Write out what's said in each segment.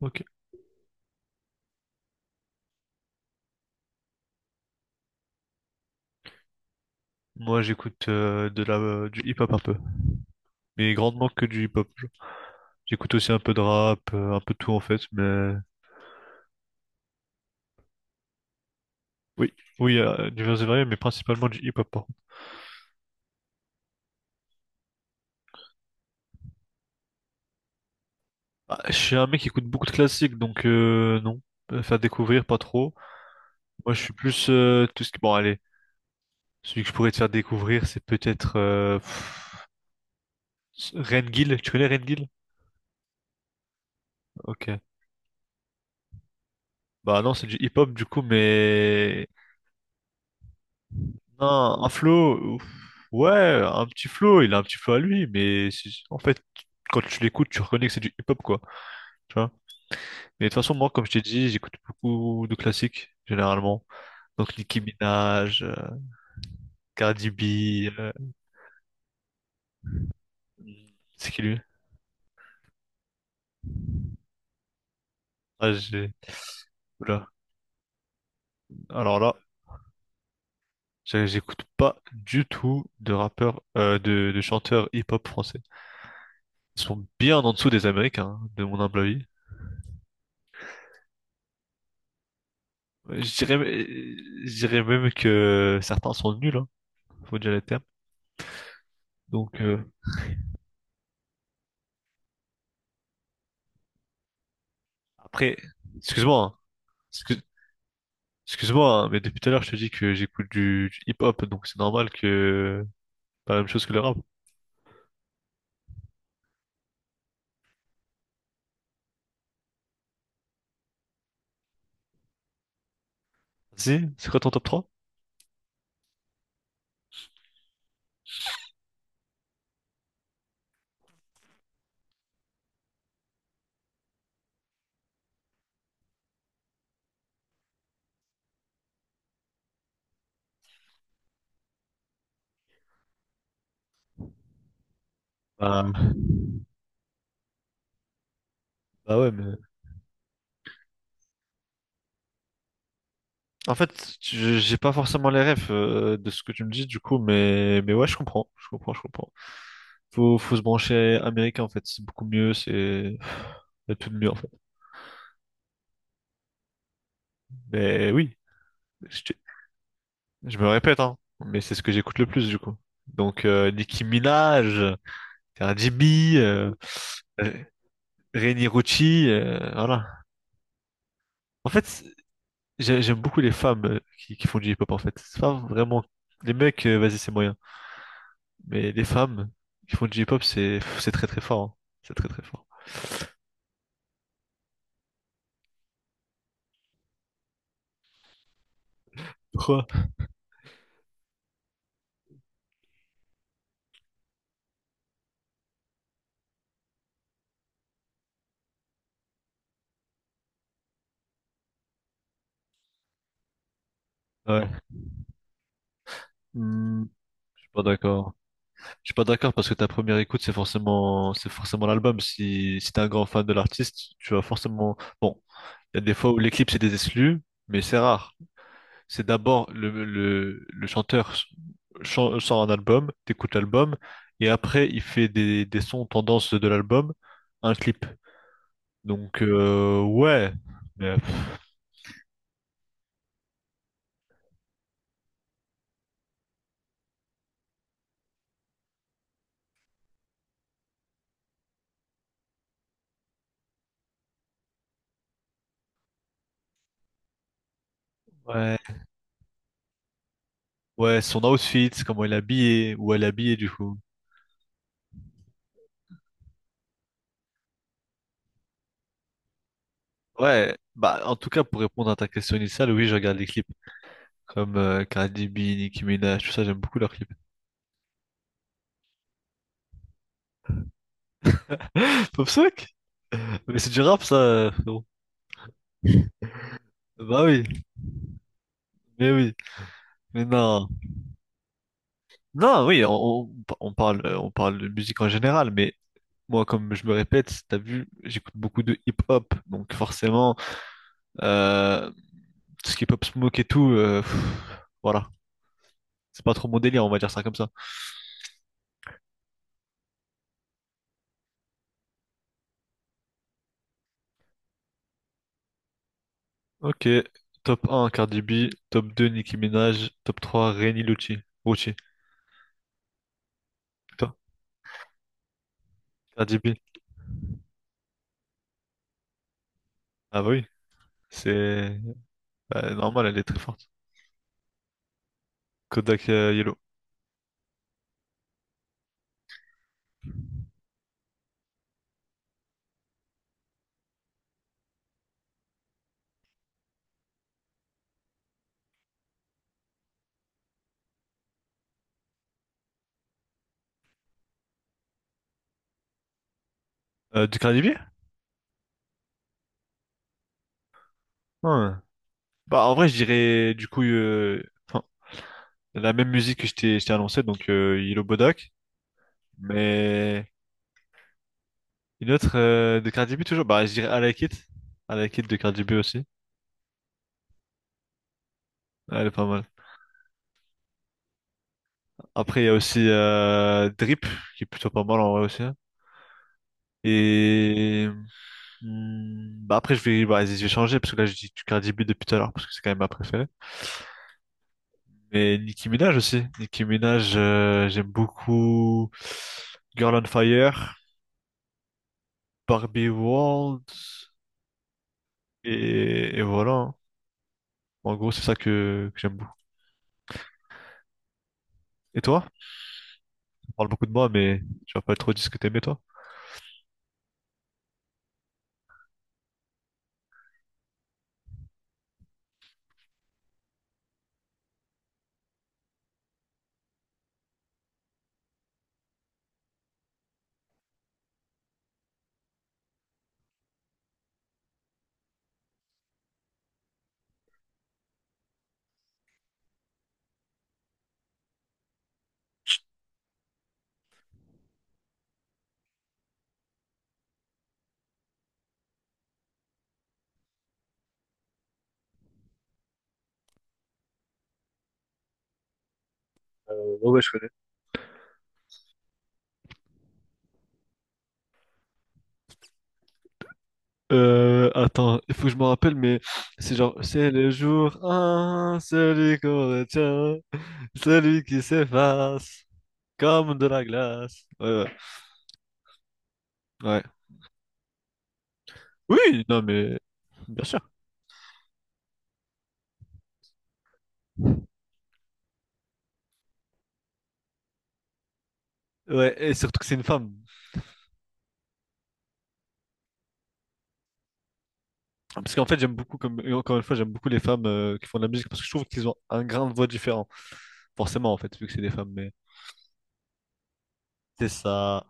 Ok. Moi, j'écoute de la du hip-hop un peu, mais grandement que du hip-hop, genre. J'écoute aussi un peu de rap, un peu de tout en fait, mais oui, oui, divers et variés, mais principalement du hip-hop, par contre. Ah, je suis un mec qui écoute beaucoup de classiques, donc non. Faire découvrir pas trop. Moi, je suis plus tout ce qui... Bon, allez, celui que je pourrais te faire découvrir, c'est peut-être Ren Gil. Tu connais Ren Gil? Ok. Bah non, c'est du hip-hop du coup, mais... Un flow, ouf, ouais, un petit flow, il a un petit flow à lui, mais en fait, quand tu l'écoutes, tu reconnais que c'est du hip-hop, quoi, tu vois. Mais de toute façon, moi, comme je t'ai dit, j'écoute beaucoup de classiques, généralement. Donc, Nicki Minaj, Cardi B, c'est qui lui? Ah, j'ai... Oula. Alors là, j'écoute pas du tout de rappeurs, de, chanteurs hip-hop français. Ils sont bien en dessous des Américains, hein, de mon humble avis. Je dirais, je dirais même que certains sont nuls, hein. Faut déjà les termes. Donc après, excuse-moi, hein. Excuse- Excuse-moi, hein, mais depuis tout à l'heure je te dis que j'écoute du hip-hop, donc c'est normal que pas la même chose que le rap. Si, c'est quoi ton top trois? Bah, bah ouais, mais en fait, j'ai pas forcément les refs de ce que tu me dis du coup, mais ouais, je comprends, je comprends, je comprends. Faut se brancher américain en fait, c'est beaucoup mieux, c'est... y a tout de mieux en fait. Mais oui, je, te- je me répète hein, mais c'est ce que j'écoute le plus du coup. Donc Nicki Minaj. Jimmy, Re- Reni Rucci, voilà. En fait, j'aime beaucoup les femmes qui font du hip-hop, en fait. C'est pas vraiment... Les mecs, vas-y, c'est moyen. Mais les femmes qui font du hip-hop, c'est très très fort, hein. C'est très très fort. Pourquoi? Ouais. Hmm, je suis pas d'accord. Je suis pas d'accord parce que ta première écoute, c'est forcément l'album. Si t'es un grand fan de l'artiste, tu vas forcément... Bon, il y a des fois où les clips, c'est des exclus, mais c'est rare. C'est d'abord le chanteur sort un album, t'écoutes l'album, et après il fait des sons tendance de l'album, un clip. Donc ouais. Mais, pff, ouais, ouais, son outfit, comment il est habillé, où elle est habillée du coup. Ouais, bah en tout cas pour répondre à ta question initiale, oui, je regarde les clips comme Cardi B, Nicki Minaj, tout ça, j'aime beaucoup leurs clips. Popsec? Mais c'est du rap ça, frérot. Bah oui, mais non. Non, oui, on- on parle de musique en général, mais moi, comme je me répète, t'as vu, j'écoute beaucoup de hip-hop, donc forcément, euh, tout ce qui est pop smoke et tout, voilà, c'est pas trop mon délire, on va dire ça comme ça. Ok, top un Cardi B, top 2 Nicki Minaj, top 3 Reni Luci, Rucci. Et toi? Cardi B. Ah bah oui, c'est bah, normal, elle est très forte. Kodak Yellow. Du Cardi B? Ouais. Bah en vrai, je dirais du coup, enfin, la même musique que je t'ai annoncé, donc Yellow Bodak. Mais une autre de Cardi B toujours, bah je dirais I Like It. I Like It de Cardi B aussi. Elle est pas mal. Après, il y a aussi Drip, qui est plutôt pas mal en vrai aussi, hein. Et bah après, vas-y, je vais changer, parce que là, je dis du Cardi B depuis tout à l'heure, parce que c'est quand même ma préférée. Mais Nicki Minaj aussi. Nicki Minaj, j'aime beaucoup Girl on Fire, Barbie World, et voilà, hein. En gros, c'est ça que j'aime beaucoup. Et toi? On parle beaucoup de moi, mais tu vas pas trop dire ce que t'aimais, toi? Euh, ouais, ouais, je connais. Attends, il faut que je me rappelle, mais c'est genre, c'est le jour un celui qu'on retient, celui qui s'efface, comme de la glace. Ouais, ouais. Ouais. Oui, non, mais bien sûr. Ouais, et surtout que c'est une femme. Parce qu'en fait, j'aime beaucoup, comme et encore une fois, j'aime beaucoup les femmes qui font de la musique parce que je trouve qu'ils ont un grain de voix différent. Forcément, en fait, vu que c'est des femmes, mais... C'est ça.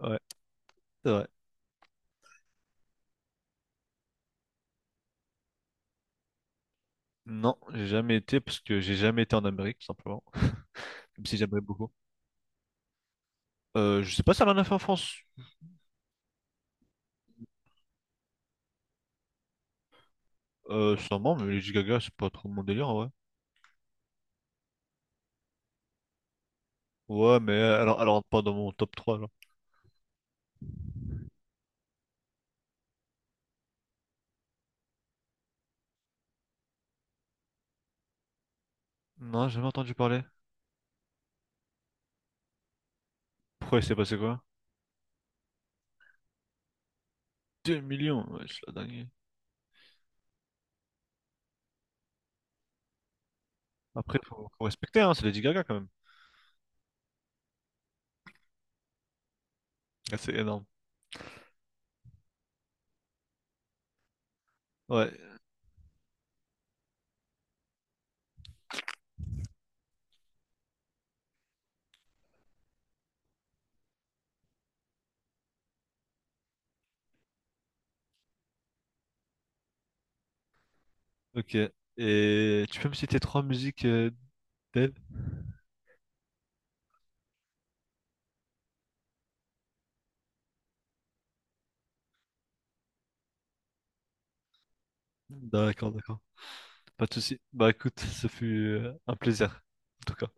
Ouais, c'est vrai. Non, j'ai jamais été parce que j'ai jamais été en Amérique, tout simplement. Même si j'aimerais beaucoup. Je sais pas si elle en a fait en France. Sûrement, mais Lady Gaga, c'est pas trop mon délire, ouais. Ouais, mais alors, elle rentre pas dans mon top 3 là. Non, j'ai jamais entendu parler. Pourquoi il s'est passé quoi? 2 millions, ouais, c'est la dinguerie. Après, faut respecter, hein, c'est Lady Gaga quand même. Ah, c'est énorme. Ouais, ok. Et tu peux me citer trois musiques d'elle? D'accord, d'accord. Pas de souci. Bah écoute, ce fut un plaisir, en tout cas.